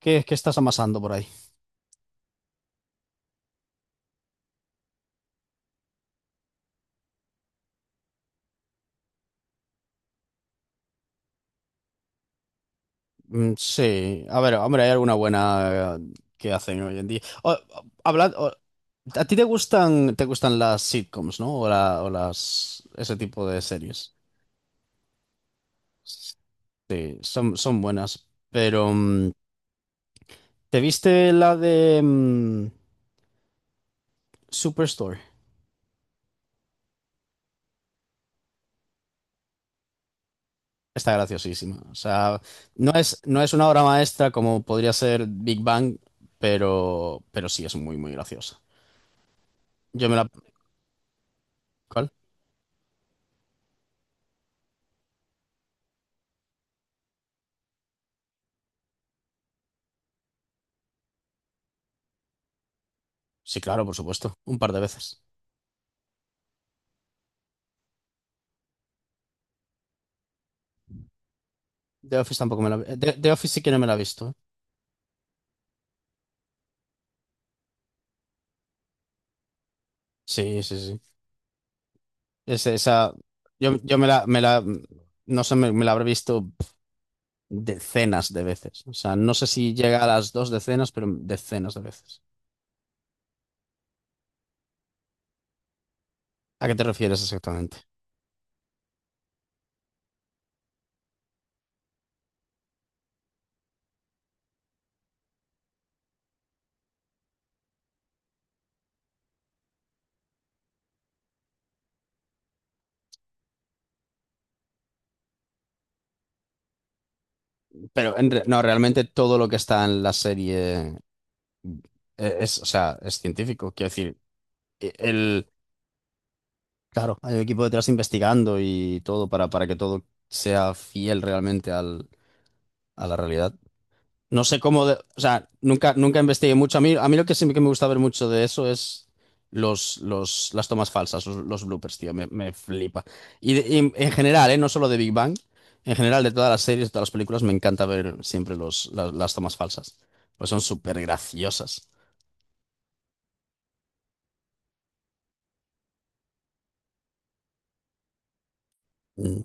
¿Qué estás amasando por ahí? Mm, sí, a ver, hombre, hay alguna buena que hacen hoy en día. ¿A ti te gustan las sitcoms, no? O, la- o las, Ese tipo de series. Sí, son buenas. Pero, ¿te viste la de Superstore? Está graciosísima. O sea, no es una obra maestra como podría ser Big Bang, pero sí es muy, muy graciosa. Yo me la... ¿Cuál? Sí, claro, por supuesto. Un par de veces. The Office tampoco me la he The Office sí que no me la he visto, ¿eh? Sí, sí, sí. Es- esa, yo no sé, me la habré visto decenas de veces. O sea, no sé si llega a las dos decenas, pero decenas de veces. ¿A qué te refieres exactamente? No, realmente todo lo que está en la serie o sea, es científico. Quiero decir, e- el, claro, hay un equipo detrás investigando y todo para que todo sea fiel realmente al, a la realidad. No sé cómo, de- O sea, nunca, nunca investigué mucho. A mí lo que sí que me gusta ver mucho de eso es las tomas falsas, los bloopers, tío, me flipa. Y en general, ¿eh? No solo de Big Bang, en general de todas las series, de todas las películas, me encanta ver siempre tomas falsas, pues son súper graciosas. Mm.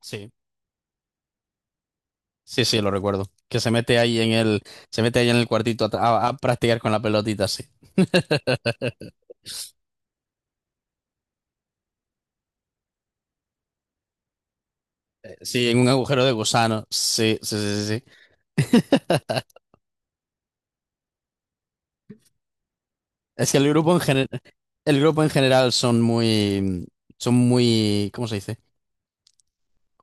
Sí, sí, sí, lo recuerdo. Que se mete ahí en el, se mete ahí en el cuartito a, a practicar con la pelotita, sí. Sí, en un agujero de gusano. Sí, sí, sí, sí, sí. Es que el grupo en general. El grupo en general son muy, ¿cómo se dice?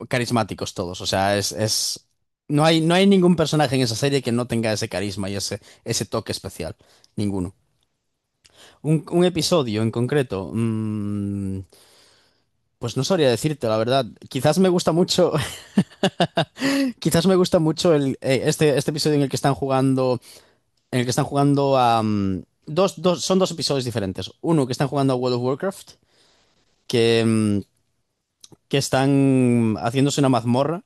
Carismáticos todos. O sea, es, no hay ningún personaje en esa serie que no tenga ese carisma y ese toque especial. Ninguno. Un episodio en concreto, pues no sabría decirte, la verdad. Quizás me gusta mucho, quizás me gusta mucho este episodio en el que están jugando, en el que están jugando a, son dos episodios diferentes. Uno que están jugando a World of Warcraft, que, que están haciéndose una mazmorra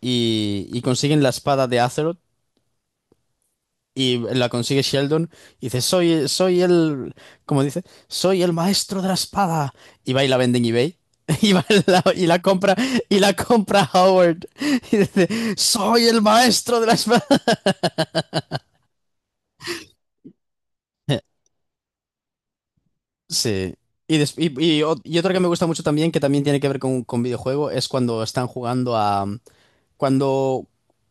y consiguen la espada de Azeroth y la consigue Sheldon y dice, soy el, como dice, soy el maestro de la espada. Y va y la vende en eBay. Y, va y y la compra Howard y dice soy el maestro de la espada sí. Y otro que me gusta mucho también que también tiene que ver con videojuego es cuando están jugando a Cuando.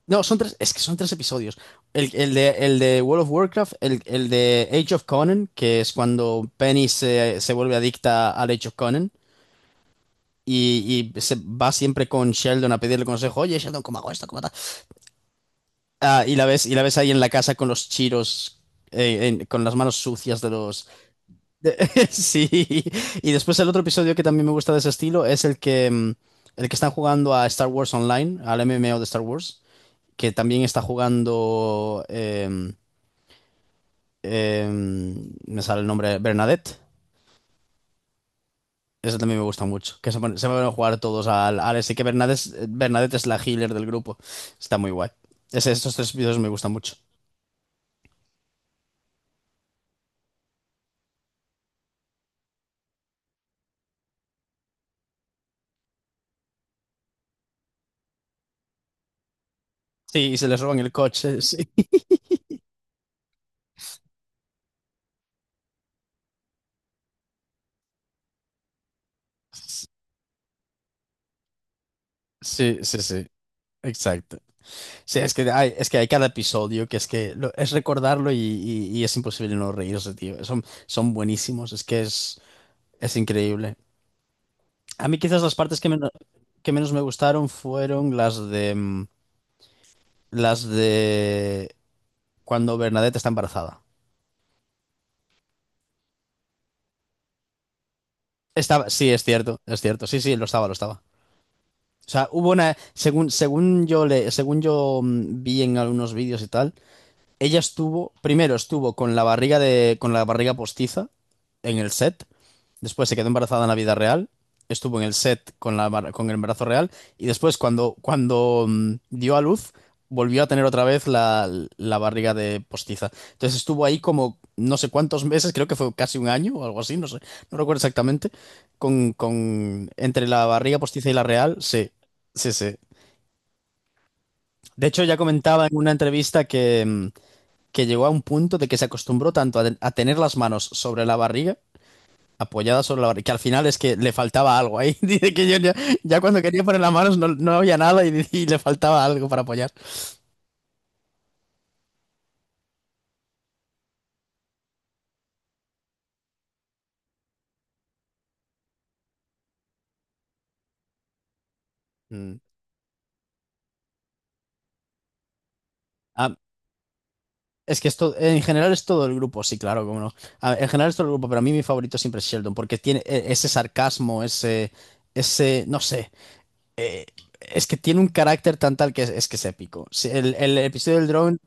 No, son tres. Es que son tres episodios. El de World of Warcraft, el de Age of Conan, que es cuando Penny se vuelve adicta al Age of Conan. Y se va siempre con Sheldon a pedirle consejo. Oye, Sheldon, ¿cómo hago esto? ¿Cómo tal? Ah, y la ves ahí en la casa con los chiros. Con las manos sucias de los. de- sí. Y después el otro episodio que también me gusta de ese estilo es el que. El que están jugando a Star Wars Online, al MMO de Star Wars. Que también está jugando, me sale el nombre, Bernadette. Eso también me gusta mucho, se van a jugar todos al, al ese, que Bernadette, Bernadette es la healer del grupo. Está muy guay. Ese, esos tres vídeos me gustan mucho. Sí, y se les roban el coche, sí. Sí, sí, sí. Exacto. Sí, es que hay cada episodio que es que es recordarlo y es imposible no reírse, tío. Son, son buenísimos, es que es increíble. A mí quizás las partes que menos me gustaron fueron las de las de cuando Bernadette está embarazada. Estaba, sí, es cierto, es cierto. Sí, sí, lo estaba, lo estaba. O sea, hubo una, según yo según yo vi en algunos vídeos y tal. Ella estuvo, primero estuvo con la barriga de, con la barriga postiza en el set, después se quedó embarazada en la vida real, estuvo en el set con la, con el embarazo real y después cuando, cuando dio a luz, volvió a tener otra vez la, la barriga de postiza. Entonces estuvo ahí como no sé cuántos meses, creo que fue casi un año o algo así, no sé, no recuerdo exactamente, con entre la barriga postiza y la real, sí, sí, sí. De hecho ya comentaba en una entrevista que... que llegó a un punto de que se acostumbró tanto a tener las manos sobre la barriga, apoyadas sobre la barriga, que al final es que le faltaba algo ahí. Dice que yo ya, ya cuando quería poner las manos no, no había nada y, y le faltaba algo para apoyar. Mm. Ah, es que esto, en general es todo el grupo, sí, claro, cómo no. Ah, en general es todo el grupo, pero a mí mi favorito siempre es Sheldon, porque tiene ese sarcasmo, ese, no sé, es que tiene un carácter tan tal que es que es épico. Si el, el episodio del drone,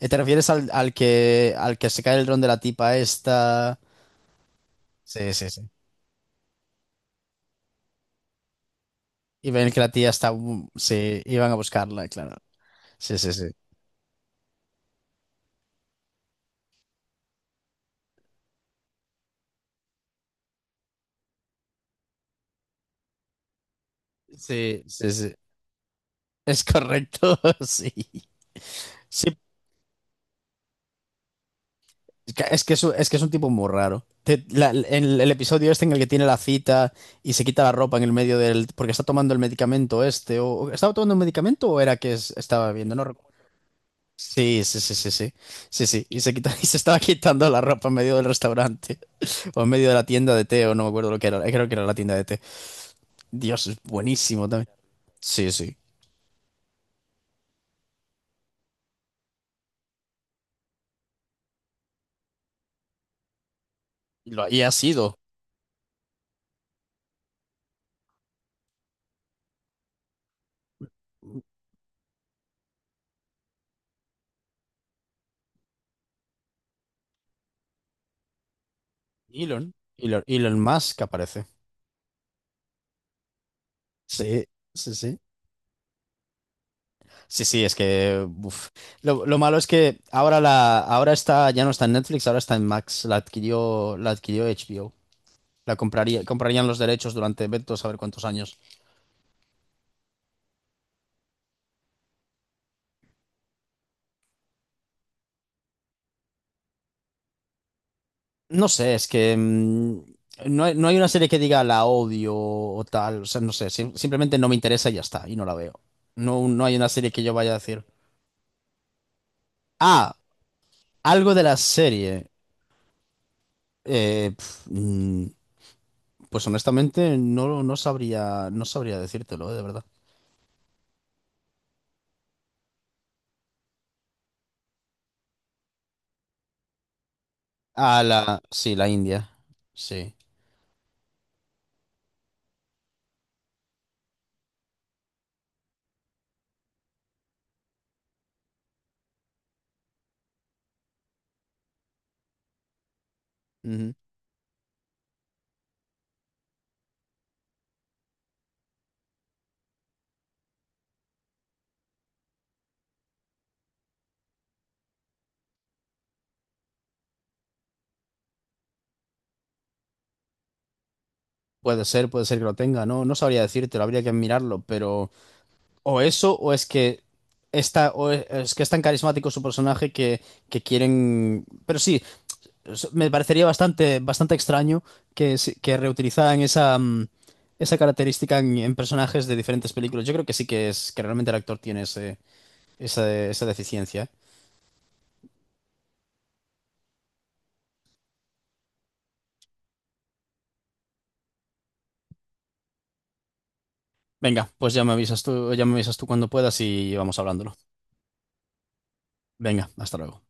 ¿te refieres al que se cae el dron de la tipa esta? Sí, sí, sí. Y ven que la tía está... sí, iban a buscarla, claro. Sí, sí, sí. Sí, sí, sí. Es correcto, sí. Sí, es que es, que es un- es que es un tipo muy raro. En el episodio este en el que tiene la cita y se quita la ropa en el medio del... porque está tomando el medicamento este, o- ¿estaba tomando un medicamento o era que estaba viendo? No recuerdo. Sí, sí, sí, sí, sí. Sí, sí. Y se quita, y se estaba quitando la ropa en medio del restaurante o en medio de la tienda de té, o no me acuerdo lo que era. Creo que era la tienda de té. Dios, es buenísimo también. Sí, sí. Y ha sido Elon Musk que aparece. Sí, sí, sí. Sí, sí, es que uf. Lo malo es que ahora la, ahora está, ya no está en Netflix, ahora está en Max. La adquirió HBO. Comprarían los derechos durante vete tú a saber cuántos años. No sé, es que no hay una serie que diga la odio o tal. O sea, no sé, simplemente no me interesa y ya está, y no la veo. No, no hay una serie que yo vaya a decir. Ah, algo de la serie. eh, pf, mm, pues honestamente no, no sabría decírtelo, de verdad. Ah, la, sí, la India. Sí. Ujú. Puede ser que lo tenga. No, no sabría decírtelo, habría que mirarlo, pero o eso o es que está, es que es tan carismático su personaje que quieren. Pero sí, me parecería bastante, bastante extraño que, que reutilizaran esa, esa característica en personajes de diferentes películas. Yo creo que sí que es que realmente el actor tiene esa, esa deficiencia, ¿eh? Venga, pues ya me avisas tú, ya me avisas tú cuando puedas y vamos hablándolo. Venga, hasta luego.